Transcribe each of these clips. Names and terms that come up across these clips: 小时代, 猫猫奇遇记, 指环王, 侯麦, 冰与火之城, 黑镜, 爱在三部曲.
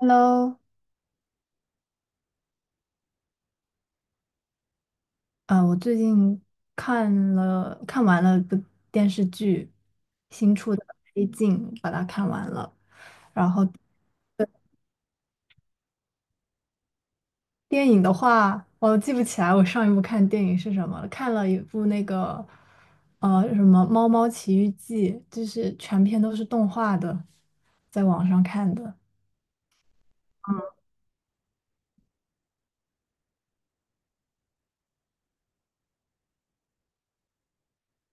Hello，我最近看完了一部电视剧，新出的《黑镜》，把它看完了。然后电影的话，我记不起来我上一部看电影是什么了，看了一部那个什么《猫猫奇遇记》，就是全篇都是动画的，在网上看的。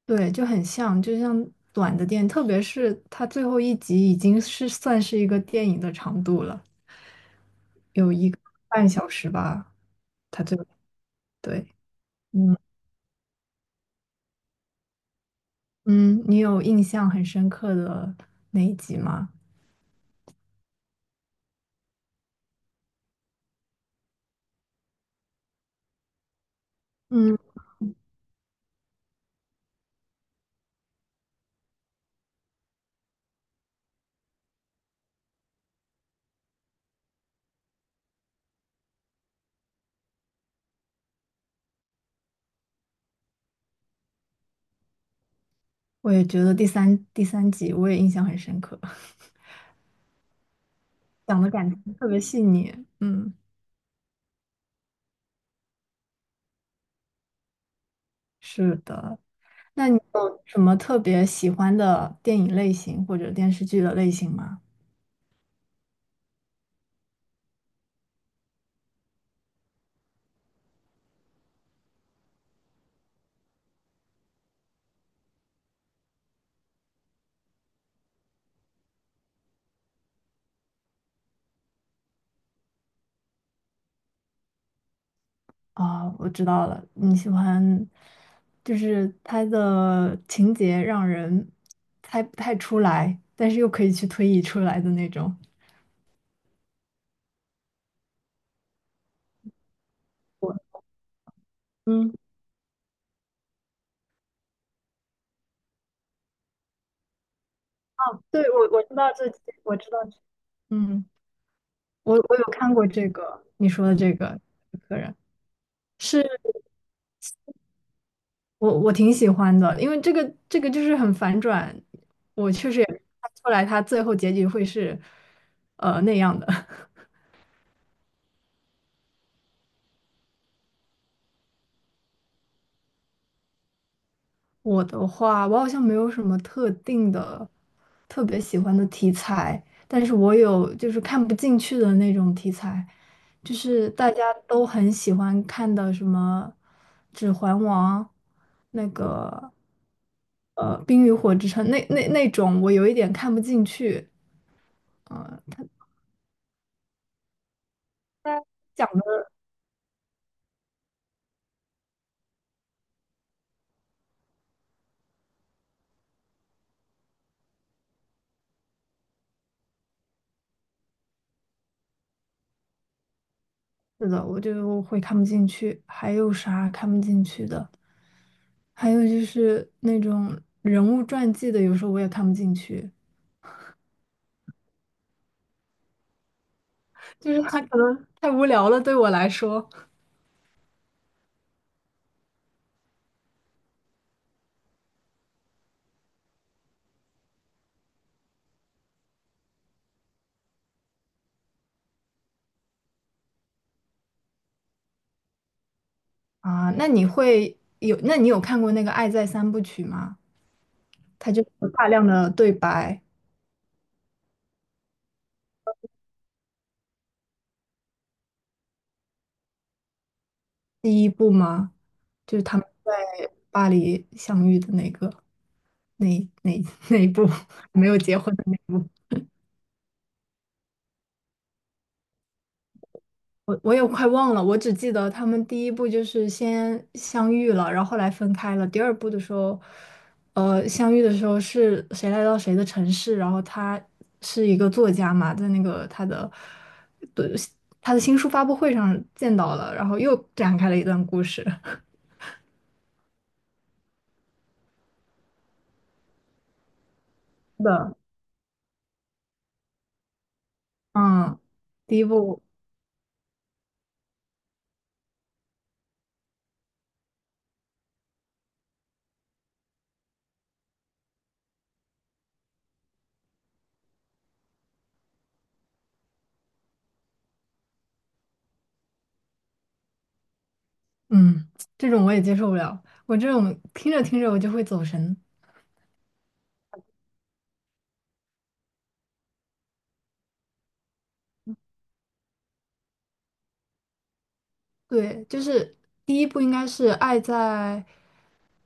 对，就像短的电影，特别是它最后一集已经算是一个电影的长度了，有一个半小时吧。他最对，嗯嗯，你有印象很深刻的那一集吗？嗯，我也觉得第三集我也印象很深刻，讲的感情特别细腻。嗯，是的。那你有什么特别喜欢的电影类型或者电视剧的类型吗？啊、我知道了，你喜欢，就是它的情节让人猜不太出来，但是又可以去推移出来的那种。我嗯。对，我知道这，嗯，我有看过这个你说的这个客人，是我挺喜欢的，因为这个就是很反转，我确实也没看出来他最后结局会是那样的。我的话，我好像没有什么特定的、特别喜欢的题材，但是我有就是看不进去的那种题材，就是大家都很喜欢看的什么《指环王》，那个《冰与火之城》那种，我有一点看不进去。他讲的是的，我就会看不进去。还有啥看不进去的？还有就是那种人物传记的，有时候我也看不进去，就是它可能太无聊了，对我来说。啊，那你有看过那个《爱在三部曲》吗？它就有大量的对白，第一部吗？就是他们在巴黎相遇的那个，那那那一部 没有结婚的那一部。我也快忘了，我只记得他们第一部就是先相遇了，然后后来分开了。第二部的时候，相遇的时候是谁来到谁的城市，然后他是一个作家嘛，在那个他的新书发布会上见到了，然后又展开了一段故事。是的，嗯，第一部，嗯，这种我也接受不了，我这种听着听着我就会走神。对，就是第一部应该是爱在，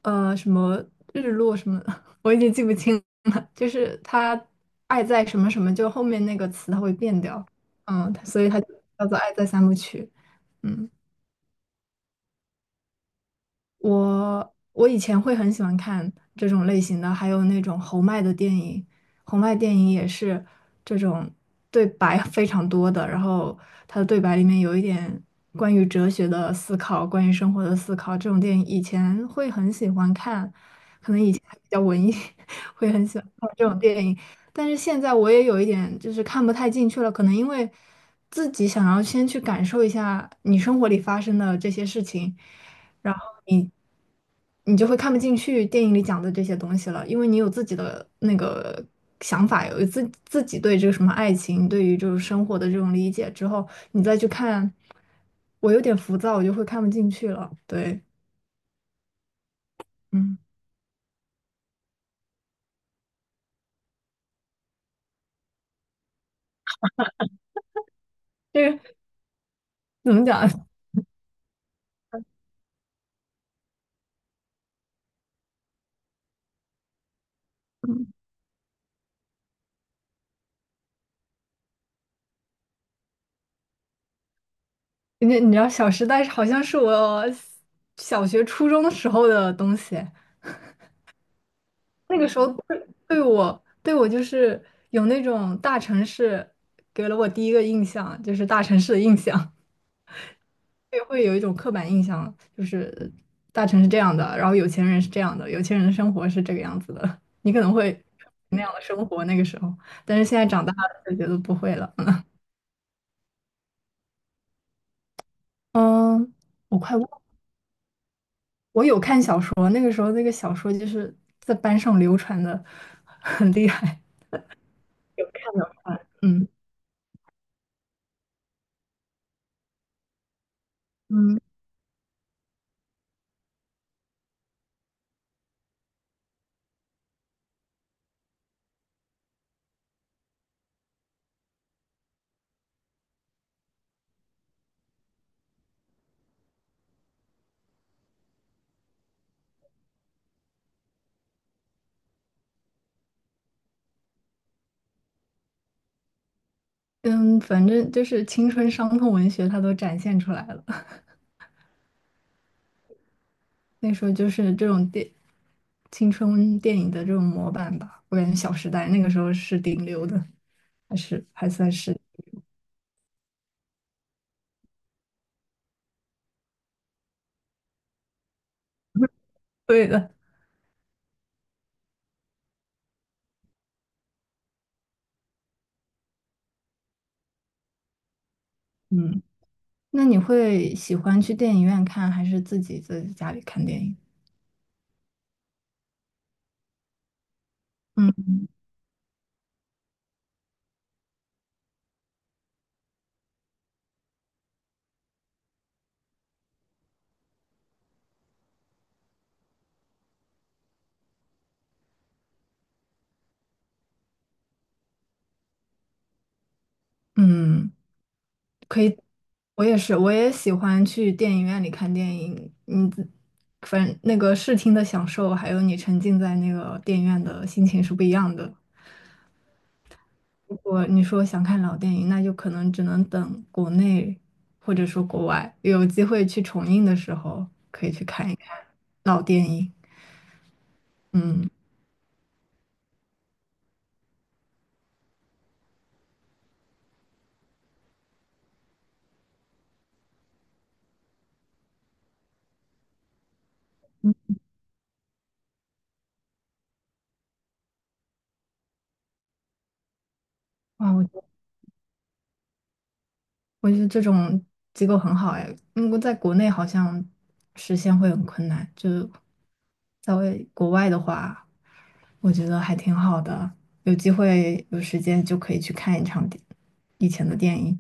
什么日落什么的，我已经记不清了。就是他爱在什么什么，就后面那个词它会变掉，嗯，所以它就叫做爱在三部曲，嗯。我以前会很喜欢看这种类型的，还有那种侯麦的电影，侯麦电影也是这种对白非常多的，然后他的对白里面有一点关于哲学的思考，关于生活的思考，这种电影以前会很喜欢看，可能以前还比较文艺，会很喜欢看这种电影，但是现在我也有一点就是看不太进去了，可能因为自己想要先去感受一下你生活里发生的这些事情。然你就会看不进去电影里讲的这些东西了，因为你有自己的那个想法，有自己对这个什么爱情，对于就是生活的这种理解之后，你再去看，我有点浮躁，我就会看不进去了。对，嗯，这个 怎么讲？嗯，你知道《小时代》好像是我小学、初中的时候的东西，那个时候对对，我就是有那种大城市给了我第一个印象，就是大城市的印象。也会有一种刻板印象，就是大城是这样的，然后有钱人是这样的，有钱人的生活是这个样子的，你可能会那样的生活那个时候，但是现在长大了就觉得不会了。嗯，我快忘了，我有看小说，那个时候那个小说就是在班上流传的很厉害，有看有看，嗯嗯，反正就是青春伤痛文学，它都展现出来了。那时候就是这种青春电影的这种模板吧，我感觉《小时代》那个时候是顶流的，还算是对的。嗯，那你会喜欢去电影院看，还是自己在家里看电影？嗯嗯，可以，我也是，我也喜欢去电影院里看电影。反正那个视听的享受，还有你沉浸在那个电影院的心情是不一样的。如果你说想看老电影，那就可能只能等国内或者说国外有机会去重映的时候，可以去看一看老电影。嗯，哇，我觉得这种机构很好哎，因为在国内好像实现会很困难，就在为国外的话，我觉得还挺好的，有机会有时间就可以去看一场以前的电影。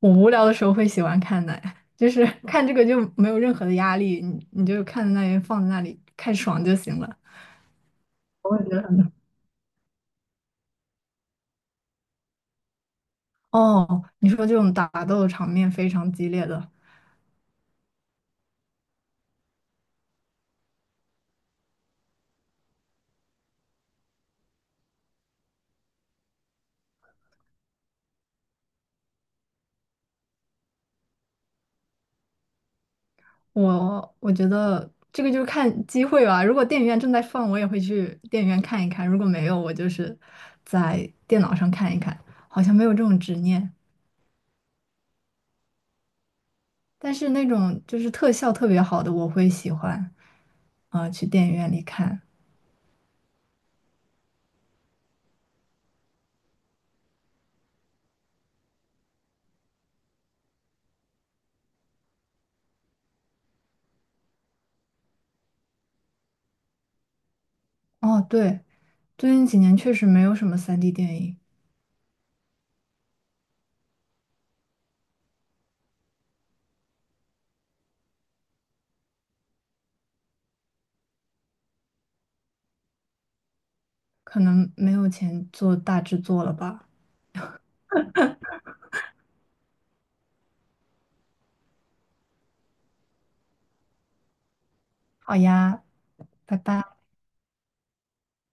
我无聊的时候会喜欢看的，就是看这个就没有任何的压力，你就看在那里放在那里看爽就行了。我会觉得很哦，你说这种打斗场面非常激烈的，我觉得这个就是看机会吧。如果电影院正在放，我也会去电影院看一看；如果没有，我就是在电脑上看一看。好像没有这种执念，但是那种就是特效特别好的，我会喜欢去电影院里看。哦，对。最近几年确实没有什么3D 电影，可能没有钱做大制作了吧。好呀，拜拜。